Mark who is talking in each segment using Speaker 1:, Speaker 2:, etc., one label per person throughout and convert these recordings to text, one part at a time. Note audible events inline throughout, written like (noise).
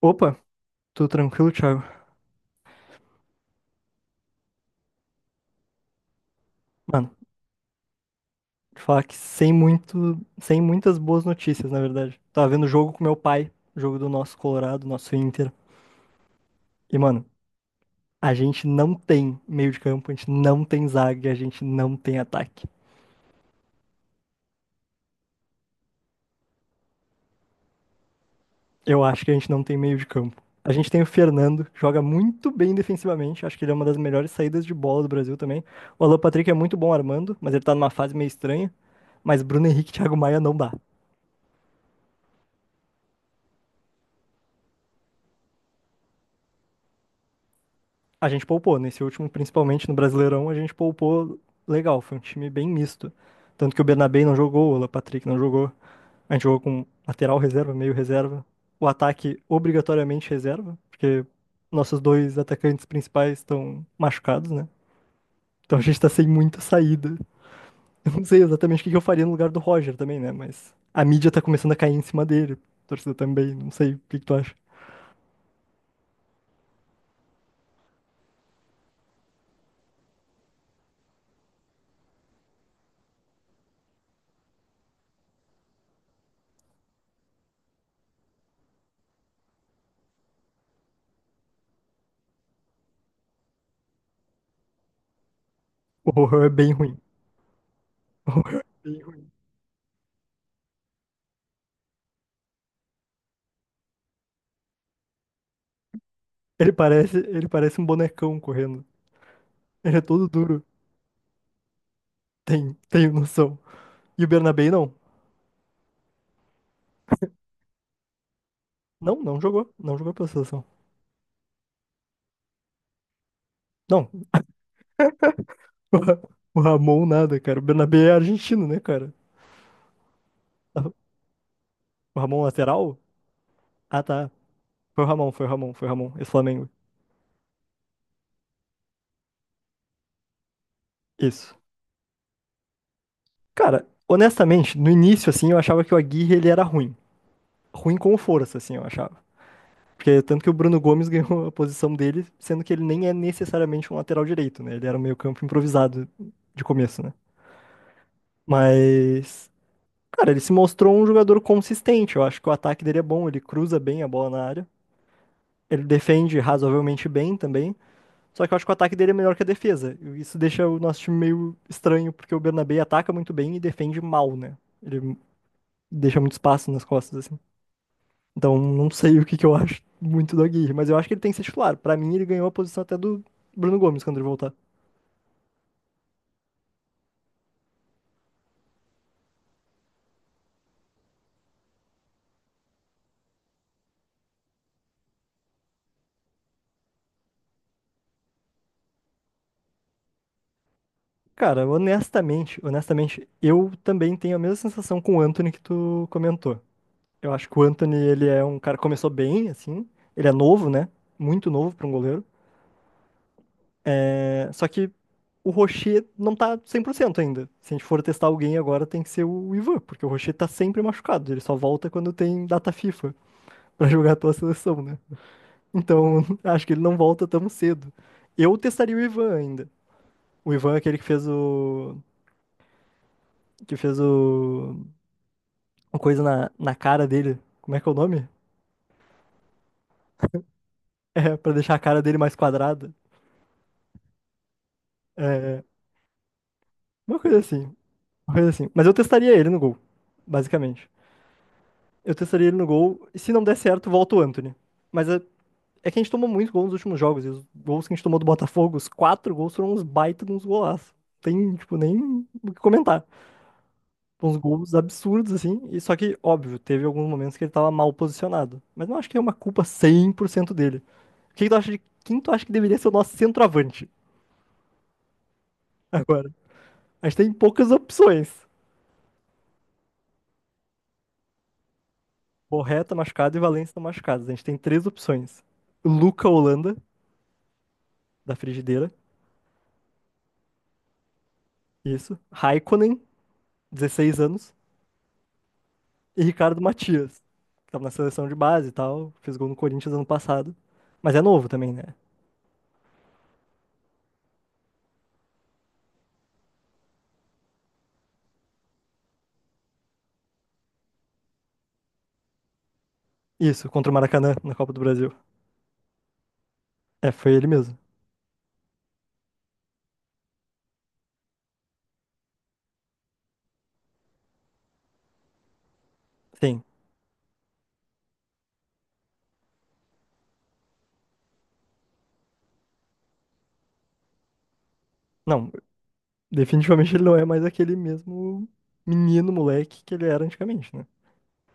Speaker 1: Opa, tudo tranquilo, Thiago? Mano, te falar que sem muitas boas notícias, na verdade. Tava vendo o jogo com meu pai, o jogo do nosso Colorado, nosso Inter. E, mano, a gente não tem meio de campo, a gente não tem zaga, e a gente não tem ataque. Eu acho que a gente não tem meio de campo. A gente tem o Fernando, que joga muito bem defensivamente, acho que ele é uma das melhores saídas de bola do Brasil também. O Alan Patrick é muito bom armando, mas ele tá numa fase meio estranha. Mas Bruno Henrique e Thiago Maia não dá. A gente poupou, nesse último, principalmente no Brasileirão, a gente poupou legal, foi um time bem misto. Tanto que o Bernabé não jogou, o Alan Patrick não jogou. A gente jogou com lateral reserva, meio reserva. O ataque obrigatoriamente reserva, porque nossos dois atacantes principais estão machucados, né? Então a gente tá sem muita saída. Eu não sei exatamente o que que eu faria no lugar do Roger também, né? Mas a mídia tá começando a cair em cima dele, a torcida também, não sei o que que tu acha. O Rohan é bem ruim. (laughs) O Rohan é bem ruim. Ele parece um bonecão correndo. Ele é todo duro. Tem, tenho noção. E o Bernabé não. Não, não jogou. Não jogou pela seleção. Não. (laughs) O Ra- o Ramon nada, cara. O Bernabé é argentino, né, cara? O Ramon lateral? Ah, tá. Foi o Ramon, foi o Ramon, foi o Ramon. Esse Flamengo. Isso. Cara, honestamente, no início, assim, eu achava que o Aguirre, ele era ruim. Ruim com força, assim, eu achava. Porque tanto que o Bruno Gomes (laughs) ganhou a posição dele, sendo que ele nem é necessariamente um lateral direito, né? Ele era um meio campo improvisado de começo, né? Mas Cara, ele se mostrou um jogador consistente. Eu acho que o ataque dele é bom, ele cruza bem a bola na área. Ele defende razoavelmente bem também. Só que eu acho que o ataque dele é melhor que a defesa. E isso deixa o nosso time meio estranho, porque o Bernabé ataca muito bem e defende mal, né? Ele deixa muito espaço nas costas, assim. Então, não sei o que que eu acho muito do Aguirre, mas eu acho que ele tem que ser titular. Pra mim, ele ganhou a posição até do Bruno Gomes quando ele voltar. Cara, honestamente, eu também tenho a mesma sensação com o Anthony que tu comentou. Eu acho que o Antony, ele é um cara que começou bem, assim. Ele é novo, né? Muito novo para um goleiro. É, só que o Rocher não tá 100% ainda. Se a gente for testar alguém agora, tem que ser o Ivan, porque o Rocher tá sempre machucado. Ele só volta quando tem data FIFA pra jogar a tua seleção, né? Então, (laughs) acho que ele não volta tão cedo. Eu testaria o Ivan ainda. O Ivan é aquele que fez o... uma coisa na cara dele. Como é que é o nome? É, pra deixar a cara dele mais quadrada. É, uma coisa assim. Uma coisa assim. Mas eu testaria ele no gol, basicamente. Eu testaria ele no gol, e se não der certo, volta o Anthony. Mas é, é que a gente tomou muito gol nos últimos jogos, e os gols que a gente tomou do Botafogo, os quatro gols foram uns baita de uns golaços. Tem, tipo, nem o que comentar. Uns gols absurdos, assim, e só que, óbvio, teve alguns momentos que ele tava mal posicionado. Mas não acho que é uma culpa 100% dele. O que que tu acha de quem tu acha que deveria ser o nosso centroavante agora? A gente tem poucas opções. Borré tá machucado e Valencia tá machucado. A gente tem três opções. Luca Holanda, da frigideira, isso. Raikkonen, 16 anos. E Ricardo Matias, que tava na seleção de base e tal, fez gol no Corinthians ano passado. Mas é novo também, né? Isso, contra o Maracanã, na Copa do Brasil. É, foi ele mesmo. Sim. Não, definitivamente ele não é mais aquele mesmo menino, moleque que ele era antigamente, né?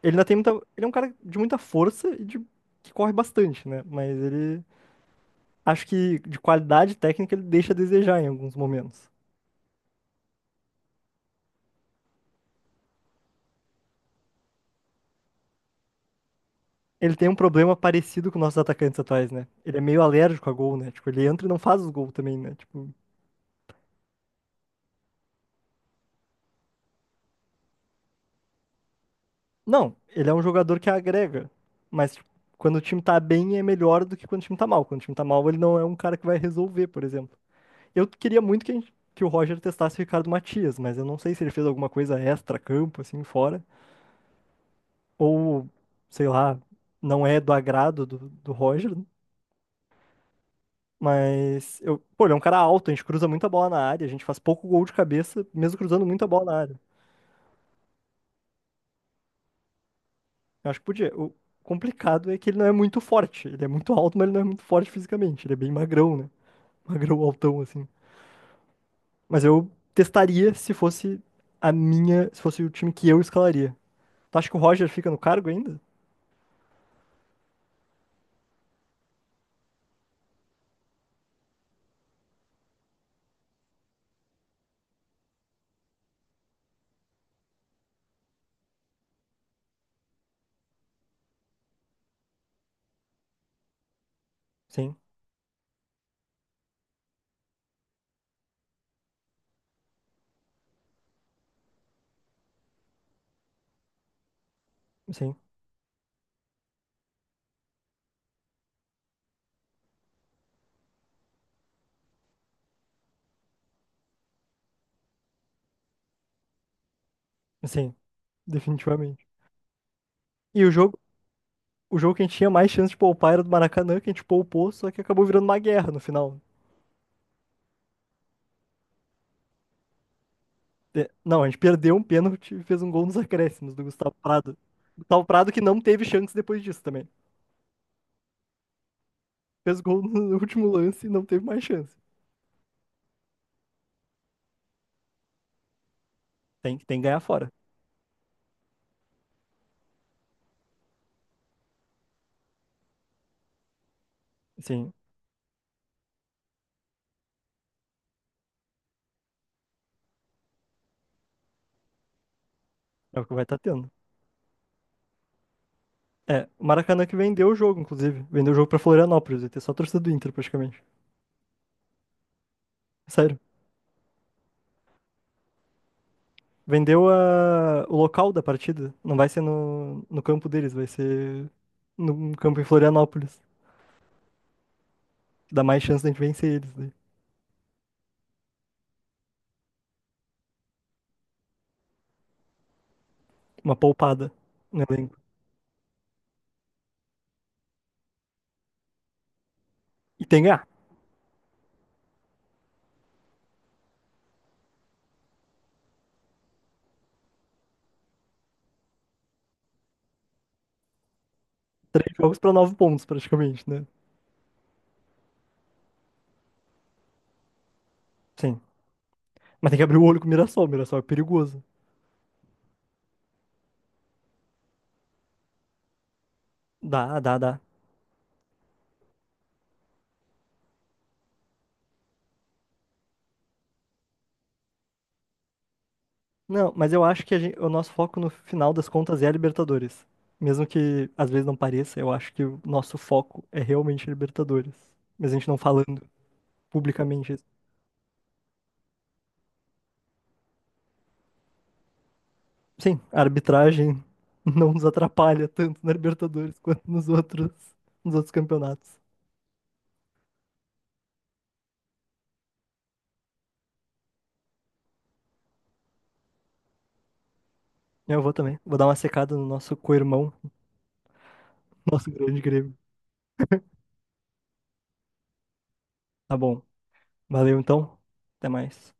Speaker 1: Ele ainda tem muita... Ele é um cara de muita força e de... que corre bastante, né? Mas ele acho que de qualidade técnica ele deixa a desejar em alguns momentos. Ele tem um problema parecido com nossos atacantes atuais, né? Ele é meio alérgico a gol, né? Tipo, ele entra e não faz os gols também, né? Tipo, não, ele é um jogador que agrega, mas tipo, quando o time tá bem é melhor do que quando o time tá mal. Quando o time tá mal, ele não é um cara que vai resolver, por exemplo. Eu queria muito que, que o Roger testasse o Ricardo Matias, mas eu não sei se ele fez alguma coisa extra-campo, assim, fora, ou sei lá, não é do agrado do Roger. Mas eu, pô, ele é um cara alto, a gente cruza muita bola na área, a gente faz pouco gol de cabeça, mesmo cruzando muita bola na área. Eu acho que podia. O complicado é que ele não é muito forte. Ele é muito alto, mas ele não é muito forte fisicamente. Ele é bem magrão, né? (laughs) Magrão, altão, assim. Mas eu testaria se fosse a minha, se fosse o time que eu escalaria. Tu acha que o Roger fica no cargo ainda? Sim, sim, sim, definitivamente. E o jogo que a gente tinha mais chance de poupar era do Maracanã, que a gente poupou, só que acabou virando uma guerra no final, né? É. Não, a gente perdeu um pênalti e fez um gol nos acréscimos do Gustavo Prado. Gustavo Prado que não teve chance depois disso também. Fez gol no último lance e não teve mais chance. Tem, tem que ganhar fora. Sim, é o que vai estar tendo. É, o Maracanã que vendeu o jogo, inclusive. Vendeu o jogo pra Florianópolis. Vai ter só a torcida do Inter, praticamente. Sério. O local da partida. Não vai ser no campo deles, vai ser no campo em Florianópolis. Dá mais chance da gente vencer eles, né? Uma poupada no elenco. E tem que ganhar. Três jogos pra nove pontos, praticamente, né? Sim. Mas tem que abrir o olho com o Mirassol. O Mirassol é perigoso. Dá, dá, dá. Não, mas eu acho que o nosso foco no final das contas é a Libertadores. Mesmo que às vezes não pareça, eu acho que o nosso foco é realmente a Libertadores. Mas a gente não falando publicamente isso. Sim, a arbitragem (laughs) não nos atrapalha tanto na Libertadores quanto nos outros campeonatos. Eu vou também. Vou dar uma secada no nosso co-irmão, (laughs) nosso grande Grêmio. Tá bom. Valeu então. Até mais.